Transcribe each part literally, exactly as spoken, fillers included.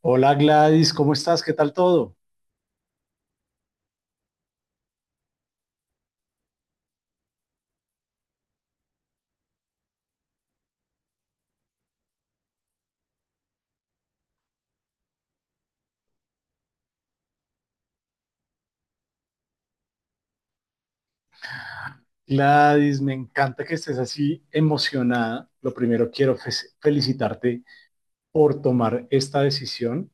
Hola Gladys, ¿cómo estás? ¿Qué tal todo? Gladys, me encanta que estés así emocionada. Lo primero quiero fe- felicitarte por tomar esta decisión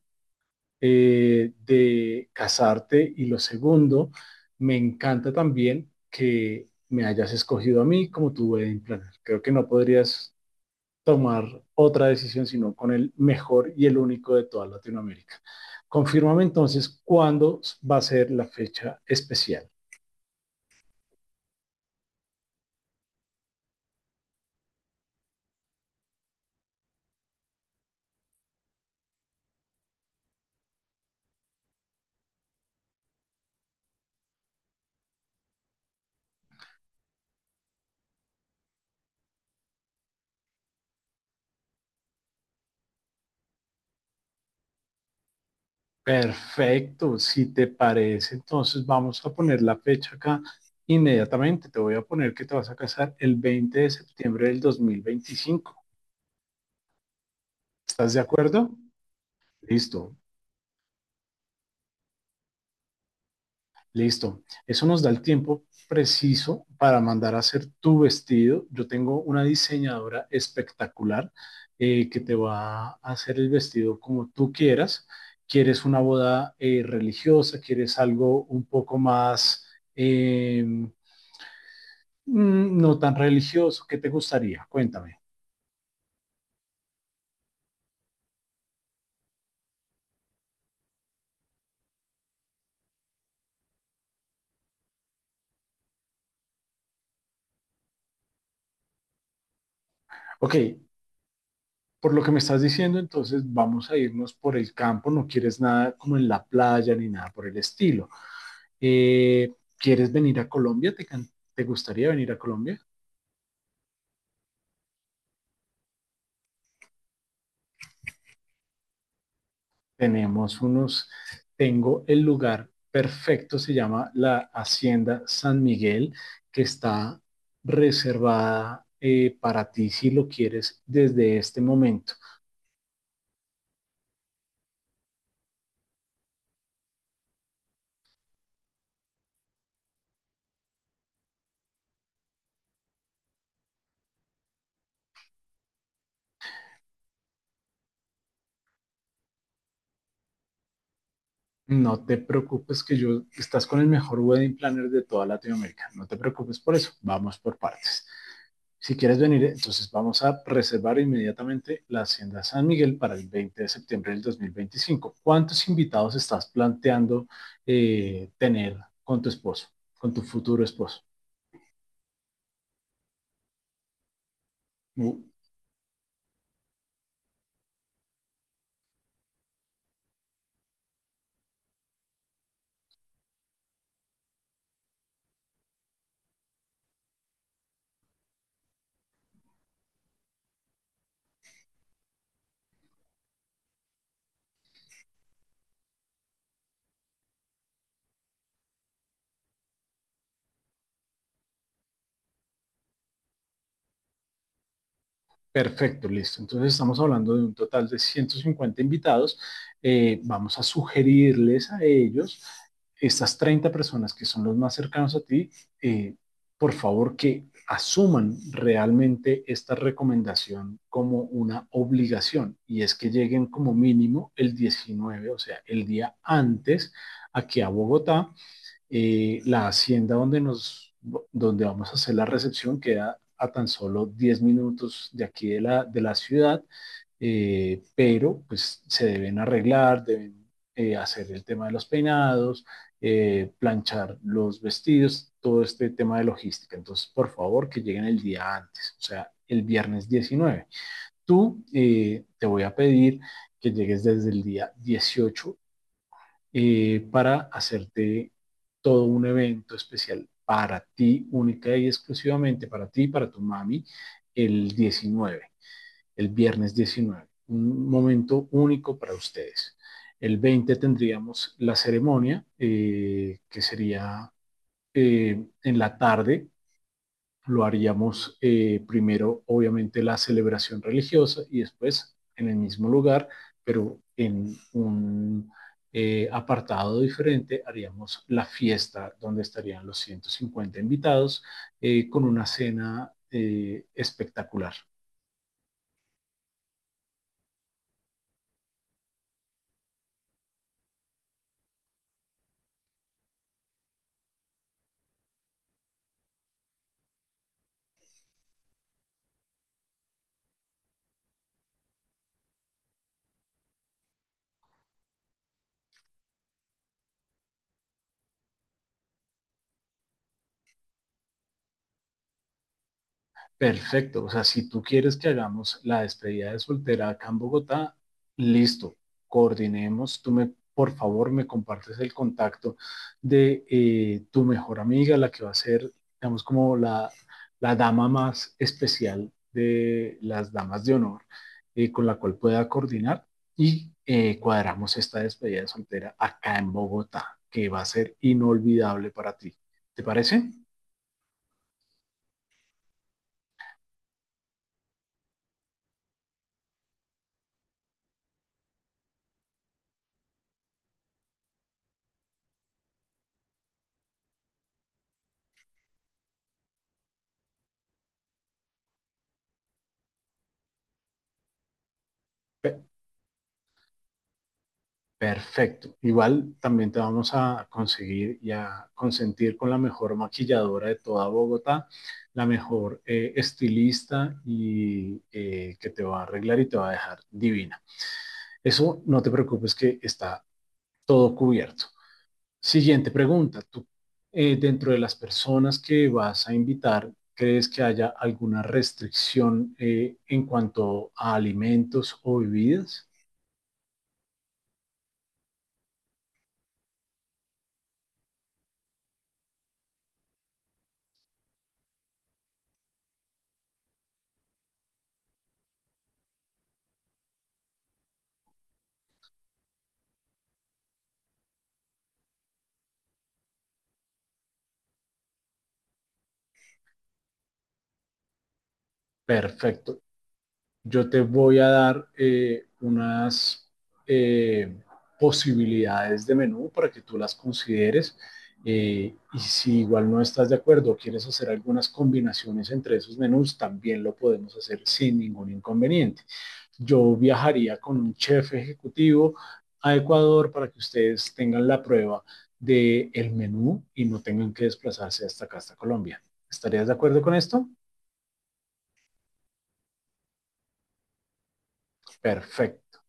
eh, de casarte, y lo segundo, me encanta también que me hayas escogido a mí como tu wedding planner. Creo que no podrías tomar otra decisión sino con el mejor y el único de toda Latinoamérica. Confírmame entonces cuándo va a ser la fecha especial. Perfecto, si te parece, entonces vamos a poner la fecha acá inmediatamente. Te voy a poner que te vas a casar el veinte de septiembre del dos mil veinticinco. ¿Estás de acuerdo? Listo, listo. Eso nos da el tiempo preciso para mandar a hacer tu vestido. Yo tengo una diseñadora espectacular eh, que te va a hacer el vestido como tú quieras. ¿Quieres una boda eh, religiosa? ¿Quieres algo un poco más... em, no tan religioso? ¿Qué te gustaría? Cuéntame. Ok, por lo que me estás diciendo, entonces vamos a irnos por el campo. No quieres nada como en la playa ni nada por el estilo. Eh, ¿quieres venir a Colombia? ¿Te, can- te gustaría venir a Colombia? Tenemos unos, tengo el lugar perfecto, se llama la Hacienda San Miguel, que está reservada eh, para ti si lo quieres desde este momento. No te preocupes, que yo estás con el mejor wedding planner de toda Latinoamérica. No te preocupes por eso. Vamos por partes. Si quieres venir, entonces vamos a reservar inmediatamente la Hacienda San Miguel para el veinte de septiembre del dos mil veinticinco. ¿Cuántos invitados estás planteando eh, tener con tu esposo, con tu futuro esposo? Uh, Perfecto, listo. Entonces estamos hablando de un total de ciento cincuenta invitados. Eh, vamos a sugerirles a ellos, estas treinta personas que son los más cercanos a ti, eh, por favor, que asuman realmente esta recomendación como una obligación, y es que lleguen como mínimo el diecinueve, o sea, el día antes aquí a Bogotá. Eh, la hacienda donde, nos, donde vamos a hacer la recepción queda a tan solo diez minutos de aquí de la, de la ciudad. Eh, pero pues se deben arreglar, deben eh, hacer el tema de los peinados, eh, planchar los vestidos, todo este tema de logística. Entonces, por favor, que lleguen el día antes, o sea, el viernes diecinueve. Tú, eh, te voy a pedir que llegues desde el día dieciocho, eh, para hacerte todo un evento especial para ti, única y exclusivamente para ti y para tu mami, el diecinueve el viernes diecinueve, un momento único para ustedes. El veinte tendríamos la ceremonia, eh, que sería eh, en la tarde. Lo haríamos, eh, primero, obviamente, la celebración religiosa, y después en el mismo lugar, pero en un eh, apartado diferente, haríamos la fiesta donde estarían los ciento cincuenta invitados, eh, con una cena eh, espectacular. Perfecto, o sea, si tú quieres que hagamos la despedida de soltera acá en Bogotá, listo, coordinemos. Tú, me, por favor, me compartes el contacto de eh, tu mejor amiga, la que va a ser, digamos, como la, la dama más especial de las damas de honor, eh, con la cual pueda coordinar y eh, cuadramos esta despedida de soltera acá en Bogotá, que va a ser inolvidable para ti. ¿Te parece? Perfecto. Igual también te vamos a conseguir y a consentir con la mejor maquilladora de toda Bogotá, la mejor eh, estilista, y eh, que te va a arreglar y te va a dejar divina. Eso no te preocupes, que está todo cubierto. Siguiente pregunta. Tú, eh, dentro de las personas que vas a invitar, ¿crees que haya alguna restricción eh, en cuanto a alimentos o bebidas? Perfecto. Yo te voy a dar, eh, unas eh, posibilidades de menú para que tú las consideres, eh, y si igual no estás de acuerdo o quieres hacer algunas combinaciones entre esos menús, también lo podemos hacer sin ningún inconveniente. Yo viajaría con un chef ejecutivo a Ecuador para que ustedes tengan la prueba del el menú y no tengan que desplazarse hasta acá, hasta Colombia. ¿Estarías de acuerdo con esto? Perfecto,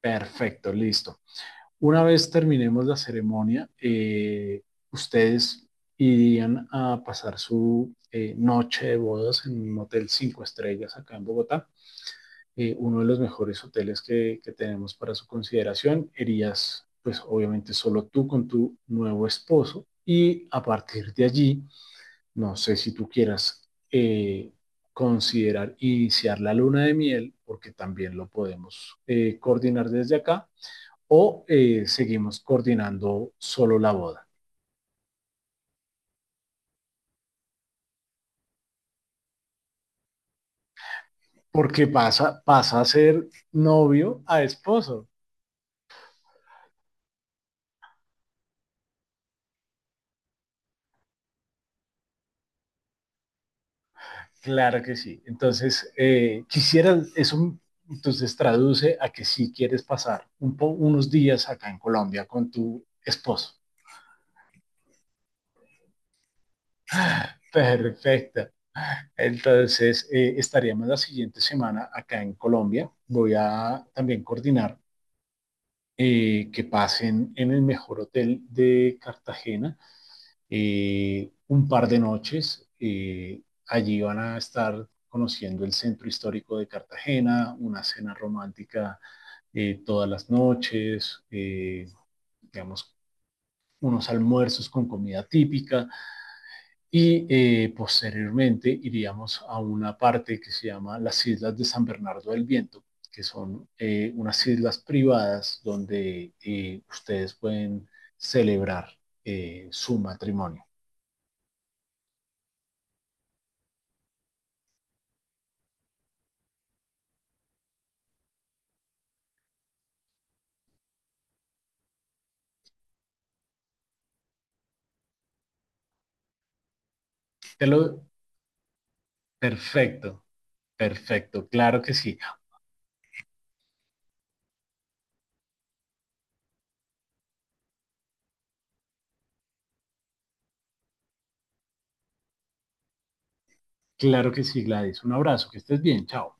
perfecto, listo. Una vez terminemos la ceremonia, eh, ustedes irían a pasar su eh, noche de bodas en un hotel cinco estrellas acá en Bogotá, eh, uno de los mejores hoteles que, que tenemos para su consideración. Irías, pues obviamente, solo tú con tu nuevo esposo, y a partir de allí, no sé si tú quieras eh, considerar iniciar la luna de miel, porque también lo podemos eh, coordinar desde acá, o eh, seguimos coordinando solo la boda. Porque pasa, pasa a ser novio a esposo. Claro que sí. Entonces, eh, quisiera, eso entonces traduce a que sí quieres pasar un po, unos días acá en Colombia con tu esposo. Perfecto. Entonces, eh, estaríamos la siguiente semana acá en Colombia. Voy a también coordinar eh, que pasen en el mejor hotel de Cartagena eh, un par de noches. Eh, allí van a estar conociendo el centro histórico de Cartagena, una cena romántica eh, todas las noches, eh, digamos, unos almuerzos con comida típica, y eh, posteriormente iríamos a una parte que se llama las Islas de San Bernardo del Viento, que son eh, unas islas privadas donde eh, ustedes pueden celebrar eh, su matrimonio. Te lo Perfecto, perfecto. Claro que sí. Claro que sí, Gladys. Un abrazo, que estés bien. Chao.